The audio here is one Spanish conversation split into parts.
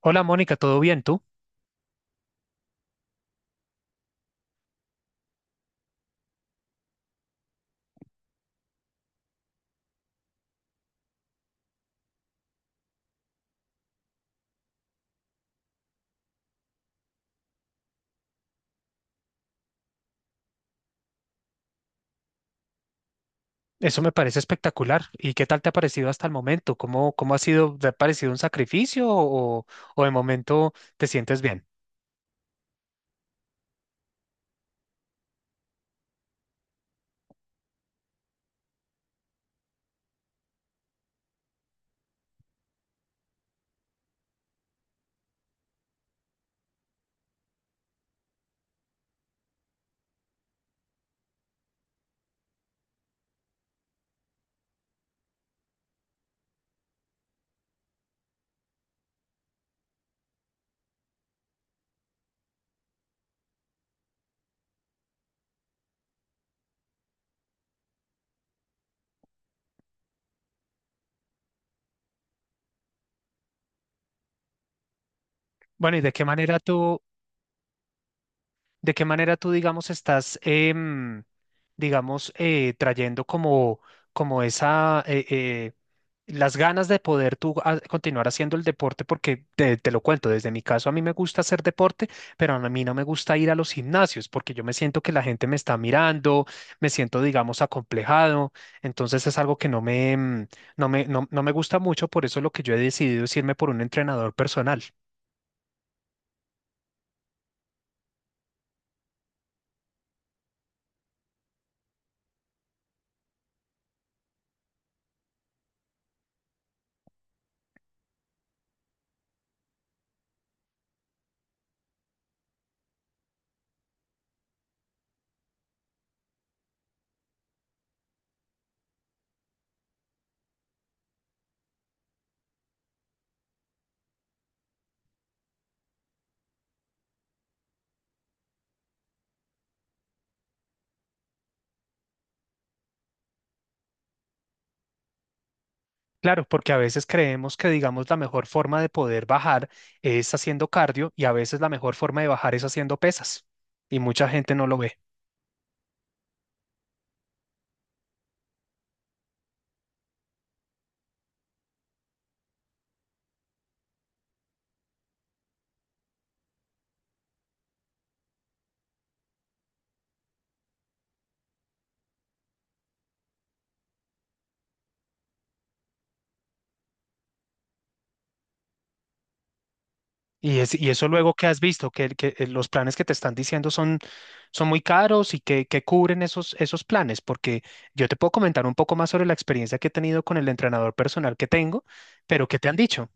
Hola Mónica, ¿todo bien tú? Eso me parece espectacular. ¿Y qué tal te ha parecido hasta el momento? ¿Cómo ha sido? ¿Te ha parecido un sacrificio o de momento te sientes bien? Bueno, ¿De qué manera tú, digamos, estás, digamos, trayendo como esa, las ganas de poder tú continuar haciendo el deporte? Porque te lo cuento, desde mi caso a mí me gusta hacer deporte, pero a mí no me gusta ir a los gimnasios porque yo me siento que la gente me está mirando, me siento, digamos, acomplejado. Entonces es algo que no me, em, no me, no no me gusta mucho, por eso lo que yo he decidido es irme por un entrenador personal. Claro, porque a veces creemos que, digamos, la mejor forma de poder bajar es haciendo cardio y a veces la mejor forma de bajar es haciendo pesas y mucha gente no lo ve. Y eso luego que has visto, que los planes que te están diciendo son muy caros y que cubren esos planes, porque yo te puedo comentar un poco más sobre la experiencia que he tenido con el entrenador personal que tengo, pero ¿qué te han dicho?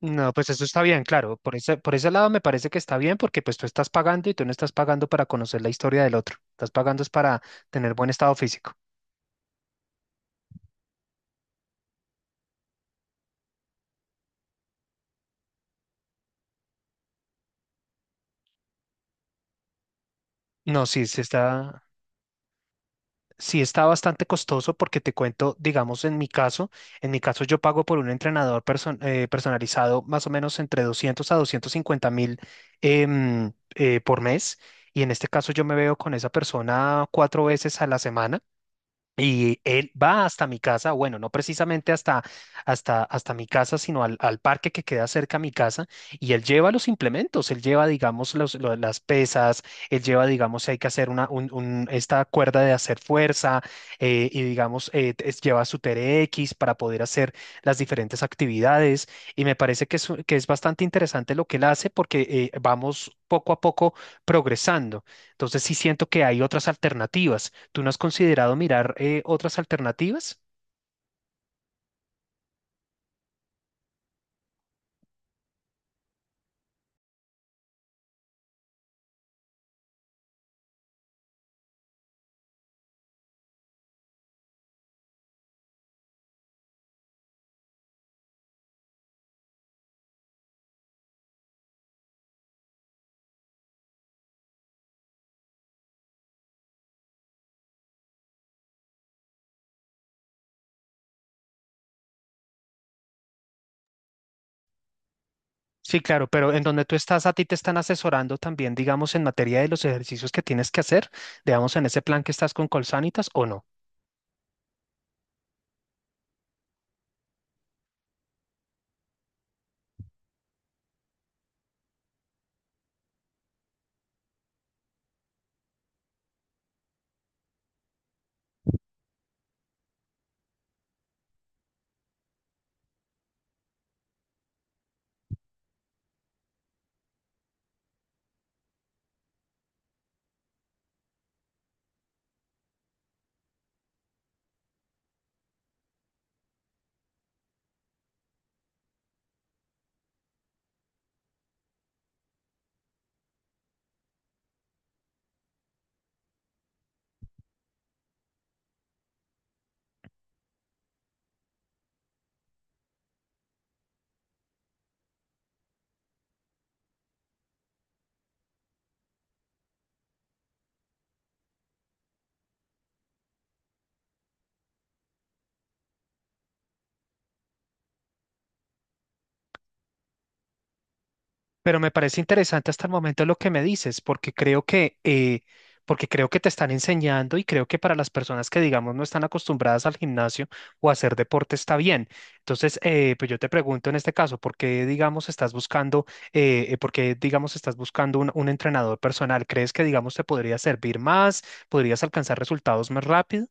No, pues eso está bien, claro. Por ese lado me parece que está bien porque pues tú estás pagando y tú no estás pagando para conocer la historia del otro. Estás pagando es para tener buen estado físico. No, sí, sí está bastante costoso porque te cuento, digamos, en mi caso yo pago por un entrenador personalizado más o menos entre 200 a 250 mil por mes. Y en este caso yo me veo con esa persona cuatro veces a la semana. Y él va hasta mi casa, bueno, no precisamente hasta mi casa, sino al parque que queda cerca a mi casa, y él lleva los implementos, él lleva, digamos, las pesas, él lleva, digamos, si hay que hacer esta cuerda de hacer fuerza, y digamos, lleva su TRX para poder hacer las diferentes actividades, y me parece que es bastante interesante lo que él hace porque vamos poco a poco progresando. Entonces sí siento que hay otras alternativas. ¿Tú no has considerado mirar otras alternativas? Sí, claro, pero en donde tú estás, a ti te están asesorando también, digamos, en materia de los ejercicios que tienes que hacer, digamos, en ese plan que estás con Colsanitas o no. Pero me parece interesante hasta el momento lo que me dices, porque porque creo que te están enseñando y creo que para las personas que, digamos, no están acostumbradas al gimnasio o a hacer deporte está bien. Entonces, pues yo te pregunto en este caso, ¿por qué, digamos, estás buscando un entrenador personal? ¿Crees que, digamos, te podría servir más? ¿Podrías alcanzar resultados más rápido?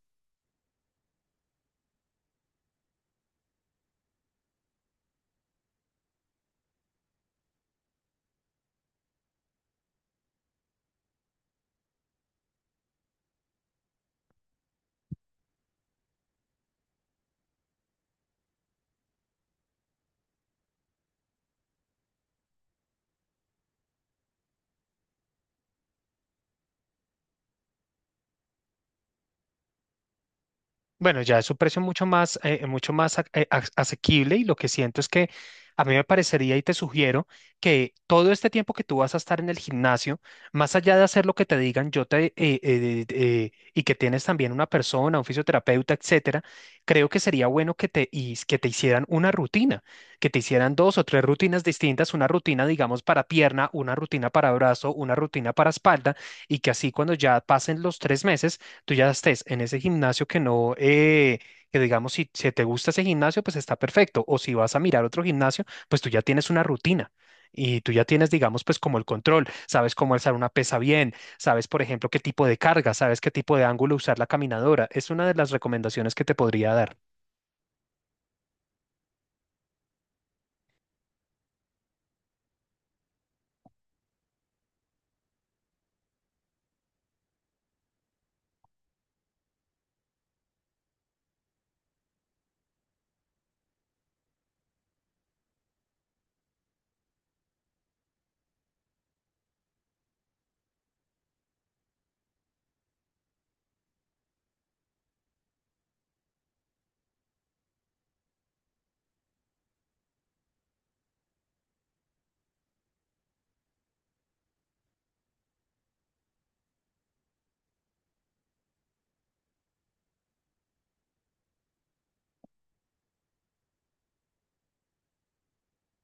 Bueno, ya es un precio mucho más asequible y lo que siento es que a mí me parecería y te sugiero que todo este tiempo que tú vas a estar en el gimnasio, más allá de hacer lo que te digan, yo te y que tienes también una persona, un fisioterapeuta, etcétera, creo que sería bueno que te hicieran una rutina, que te hicieran dos o tres rutinas distintas, una rutina, digamos, para pierna, una rutina para brazo, una rutina para espalda y que así cuando ya pasen los 3 meses tú ya estés en ese gimnasio que no, que digamos, si, si te gusta ese gimnasio, pues está perfecto. O si vas a mirar otro gimnasio, pues tú ya tienes una rutina. Y tú ya tienes, digamos, pues como el control, sabes cómo alzar una pesa bien, sabes, por ejemplo, qué tipo de carga, sabes qué tipo de ángulo usar la caminadora. Es una de las recomendaciones que te podría dar.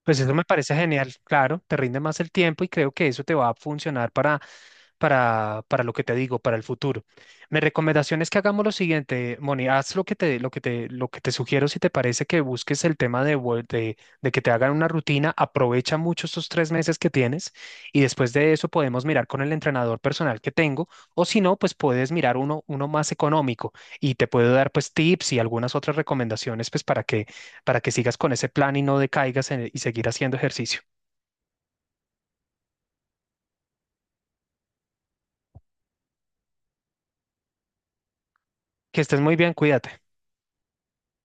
Pues eso me parece genial, claro, te rinde más el tiempo y creo que eso te va a funcionar para lo que te digo, para el futuro. Mi recomendación es que hagamos lo siguiente, Moni, haz lo que te, lo que te, lo que te sugiero si te parece que busques el tema de que te hagan una rutina, aprovecha mucho estos 3 meses que tienes y después de eso podemos mirar con el entrenador personal que tengo o si no, pues puedes mirar uno, uno más económico y te puedo dar pues tips y algunas otras recomendaciones pues para que sigas con ese plan y no decaigas y seguir haciendo ejercicio. Que estés muy bien, cuídate.